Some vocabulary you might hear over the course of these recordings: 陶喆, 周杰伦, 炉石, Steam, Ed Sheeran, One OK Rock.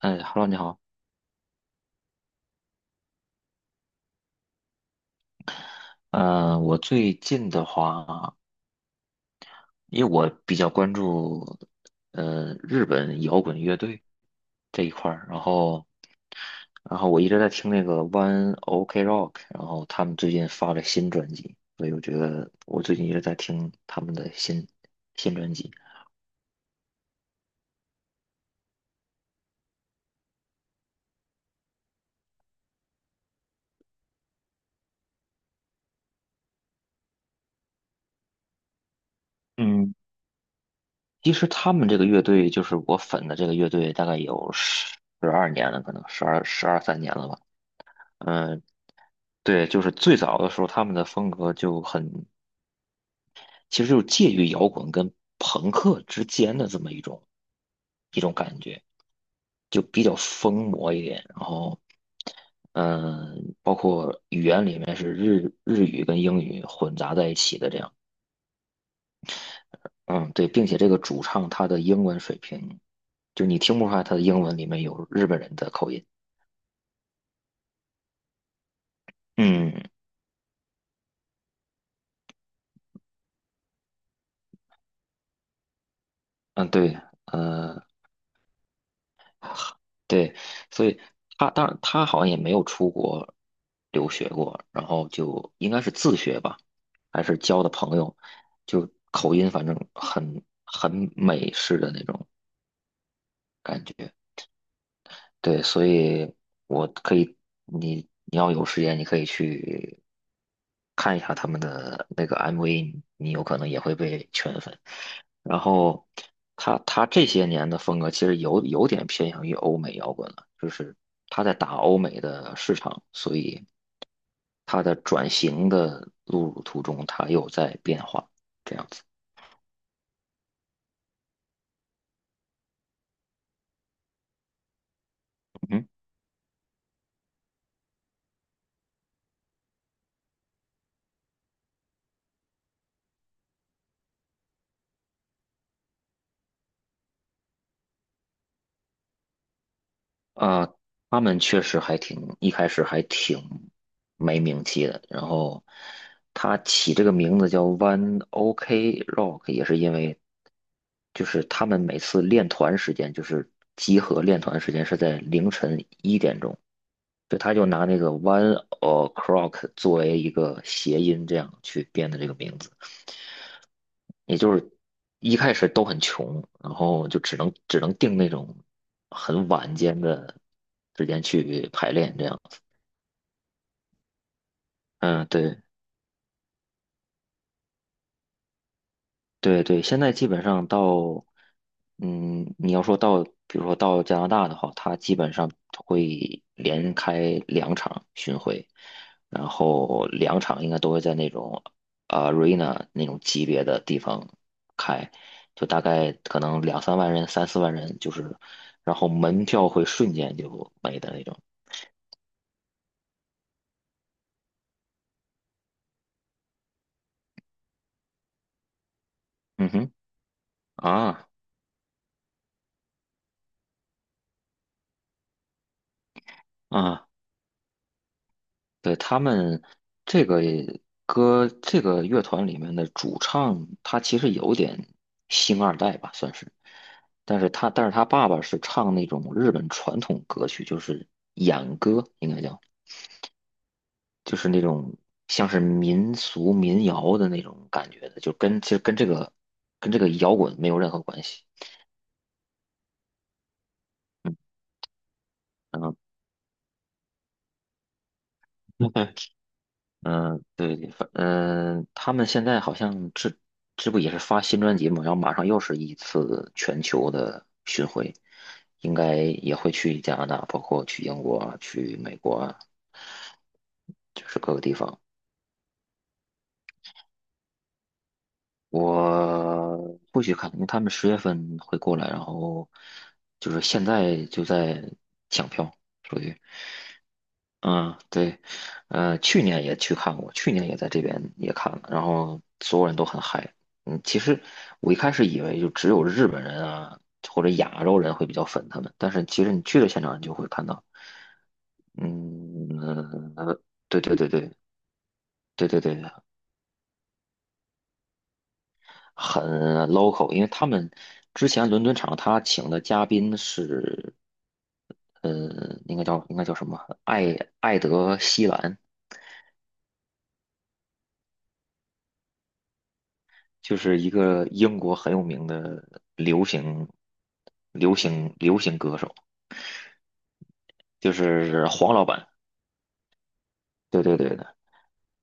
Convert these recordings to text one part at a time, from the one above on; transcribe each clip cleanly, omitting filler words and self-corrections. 嗯，Hello，你好。我最近的话，因为我比较关注日本摇滚乐队这一块儿，然后我一直在听那个 One OK Rock，然后他们最近发了新专辑，所以我觉得我最近一直在听他们的新专辑。嗯，其实他们这个乐队就是我粉的这个乐队，大概有12年了，可能十二三年了吧。嗯，对，就是最早的时候，他们的风格就很其实就是介于摇滚跟朋克之间的这么一种感觉，就比较疯魔一点。然后，嗯，包括语言里面是日语跟英语混杂在一起的这样。嗯，对，并且这个主唱他的英文水平，就你听不出来他的英文里面有日本人的口音。嗯嗯，对，呃，对，所以他当然他好像也没有出国留学过，然后就应该是自学吧，还是交的朋友，就口音反正很美式的那种感觉。对，所以我可以，你要有时间，你可以去看一下他们的那个 MV，你有可能也会被圈粉。然后他这些年的风格其实有点偏向于欧美摇滚了，就是他在打欧美的市场，所以他的转型的路途中，他又在变化，这样子。嗯。啊，他们确实还挺，一开始还挺没名气的。然后他起这个名字叫 One OK Rock，也是因为就是他们每次练团时间，就是集合练团时间是在凌晨1点钟，就他就拿那个 One O'clock 作为一个谐音，这样去编的这个名字。也就是一开始都很穷，然后就只能定那种很晚间的时间去排练这样子。嗯，对，对对，现在基本上到，嗯，你要说到，比如说到加拿大的话，它基本上会连开两场巡回，然后两场应该都会在那种arena 那种级别的地方开，就大概可能两三万人、三四万人，就是，然后门票会瞬间就没的那种。嗯哼，啊啊。对，他们这个歌，这个乐团里面的主唱，他其实有点星二代吧，算是。但是他爸爸是唱那种日本传统歌曲，就是演歌，应该叫，就是那种像是民俗民谣的那种感觉的，就跟其实跟这个摇滚没有任何关系。嗯嗯，嗯，对，他们现在好像这不也是发新专辑嘛，然后马上又是一次全球的巡回，应该也会去加拿大，包括去英国啊、去美国啊，就是各个地方。我不去看，因为他们10月份会过来，然后就是现在就在抢票，属于。嗯，对，去年也去看过，去年也在这边也看了，然后所有人都很嗨。嗯，其实我一开始以为就只有日本人啊或者亚洲人会比较粉他们，但是其实你去了现场，你就会看到，嗯，呃对对对对对对对，很 local，因为他们之前伦敦场他请的嘉宾是，呃，应该叫什么？艾艾德希兰，就是一个英国很有名的流行、流行歌手，就是黄老板。对对对的，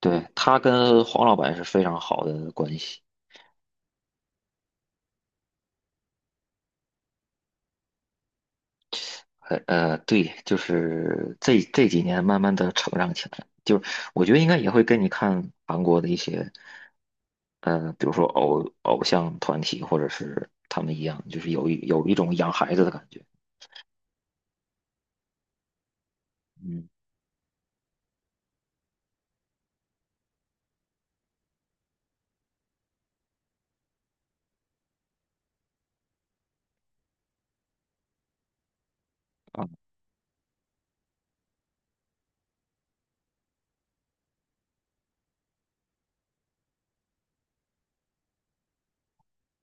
对，他跟黄老板是非常好的关系。对，就是这几年慢慢的成长起来，就是我觉得应该也会跟你看韩国的一些，比如说偶像团体或者是他们一样，就是有一种养孩子的感觉。嗯，啊，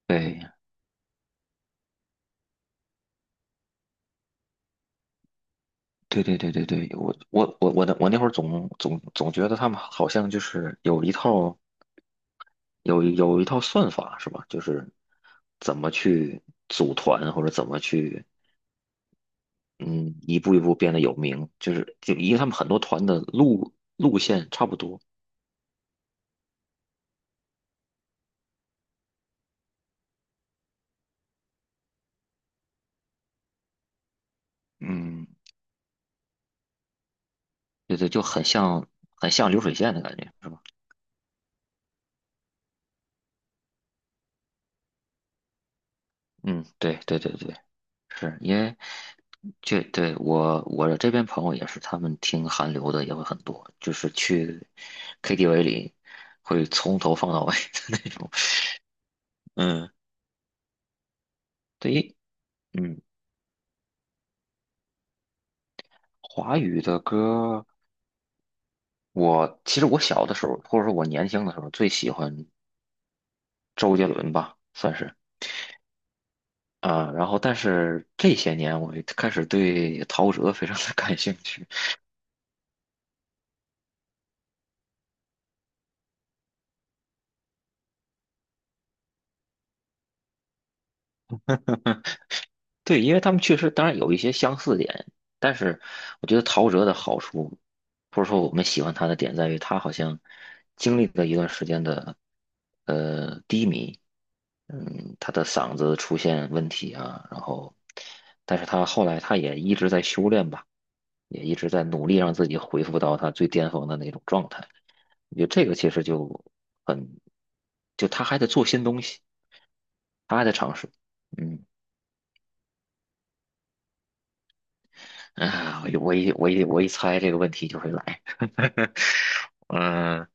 对。对对对对对，我那我那会儿总觉得他们好像就是有一套算法是吧？就是怎么去组团或者怎么去嗯一步一步变得有名，就是就因为他们很多团的路线差不多，嗯，对对，就很像流水线的感觉是吧？嗯，对对对对。是因为这对我这边朋友也是，他们听韩流的也会很多，就是去 KTV 里会从头放到尾的那种。嗯，对于华语的歌，我其实我小的时候，或者说我年轻的时候，最喜欢周杰伦吧，算是啊。然后，但是这些年我开始对陶喆非常的感兴趣。对，因为他们确实当然有一些相似点，但是我觉得陶喆的好处，或者说我们喜欢他的点在于，他好像经历了一段时间的低迷，嗯，他的嗓子出现问题啊，然后，但是他后来他也一直在修炼吧，也一直在努力让自己恢复到他最巅峰的那种状态。我觉得这个其实就很，就他还得做新东西，他还在尝试，嗯。啊，我一猜这个问题就会来。嗯，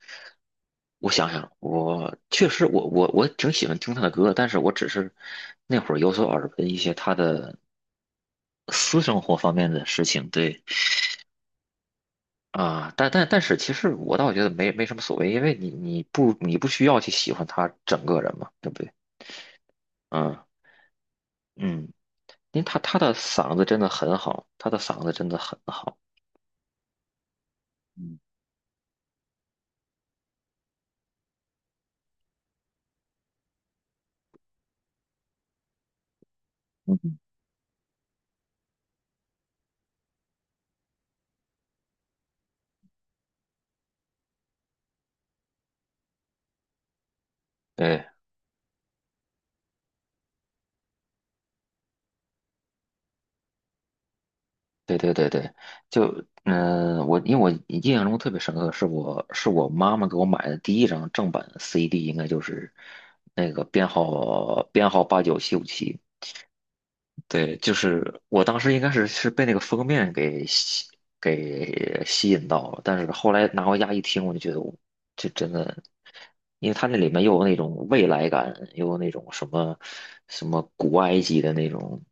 我想想，我确实我挺喜欢听他的歌，但是我只是那会儿有所耳闻一些他的私生活方面的事情。对啊，但是其实我倒觉得没什么所谓，因为你不需要去喜欢他整个人嘛，对不对？嗯嗯，因为他的嗓子真的很好，他的嗓子真的很好。嗯嗯，对。对对对对，就嗯、呃我因为我印象中特别深刻，是我妈妈给我买的第一张正版 CD，应该就是那个编号89757，对，就是我当时应该是被那个封面给吸引到了，但是后来拿回家一听，我就觉得我这真的，因为它那里面又有那种未来感，又有那种什么什么古埃及的那种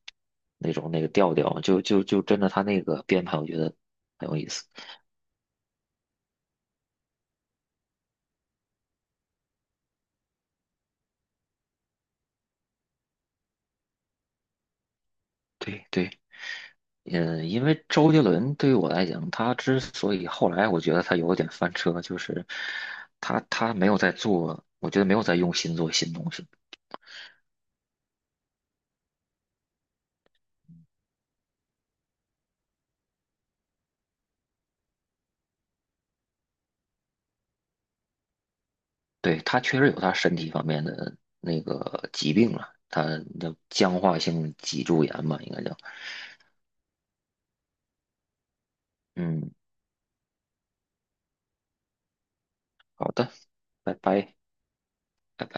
那个调调，就真的它那个编排，我觉得很有意思。对对，嗯，因为周杰伦对于我来讲，他之所以后来我觉得他有点翻车，就是他没有在做，我觉得没有在用心做新东西。对，他确实有他身体方面的那个疾病了，他的僵化性脊柱炎吧，应该叫。嗯，好的，拜拜。拜拜。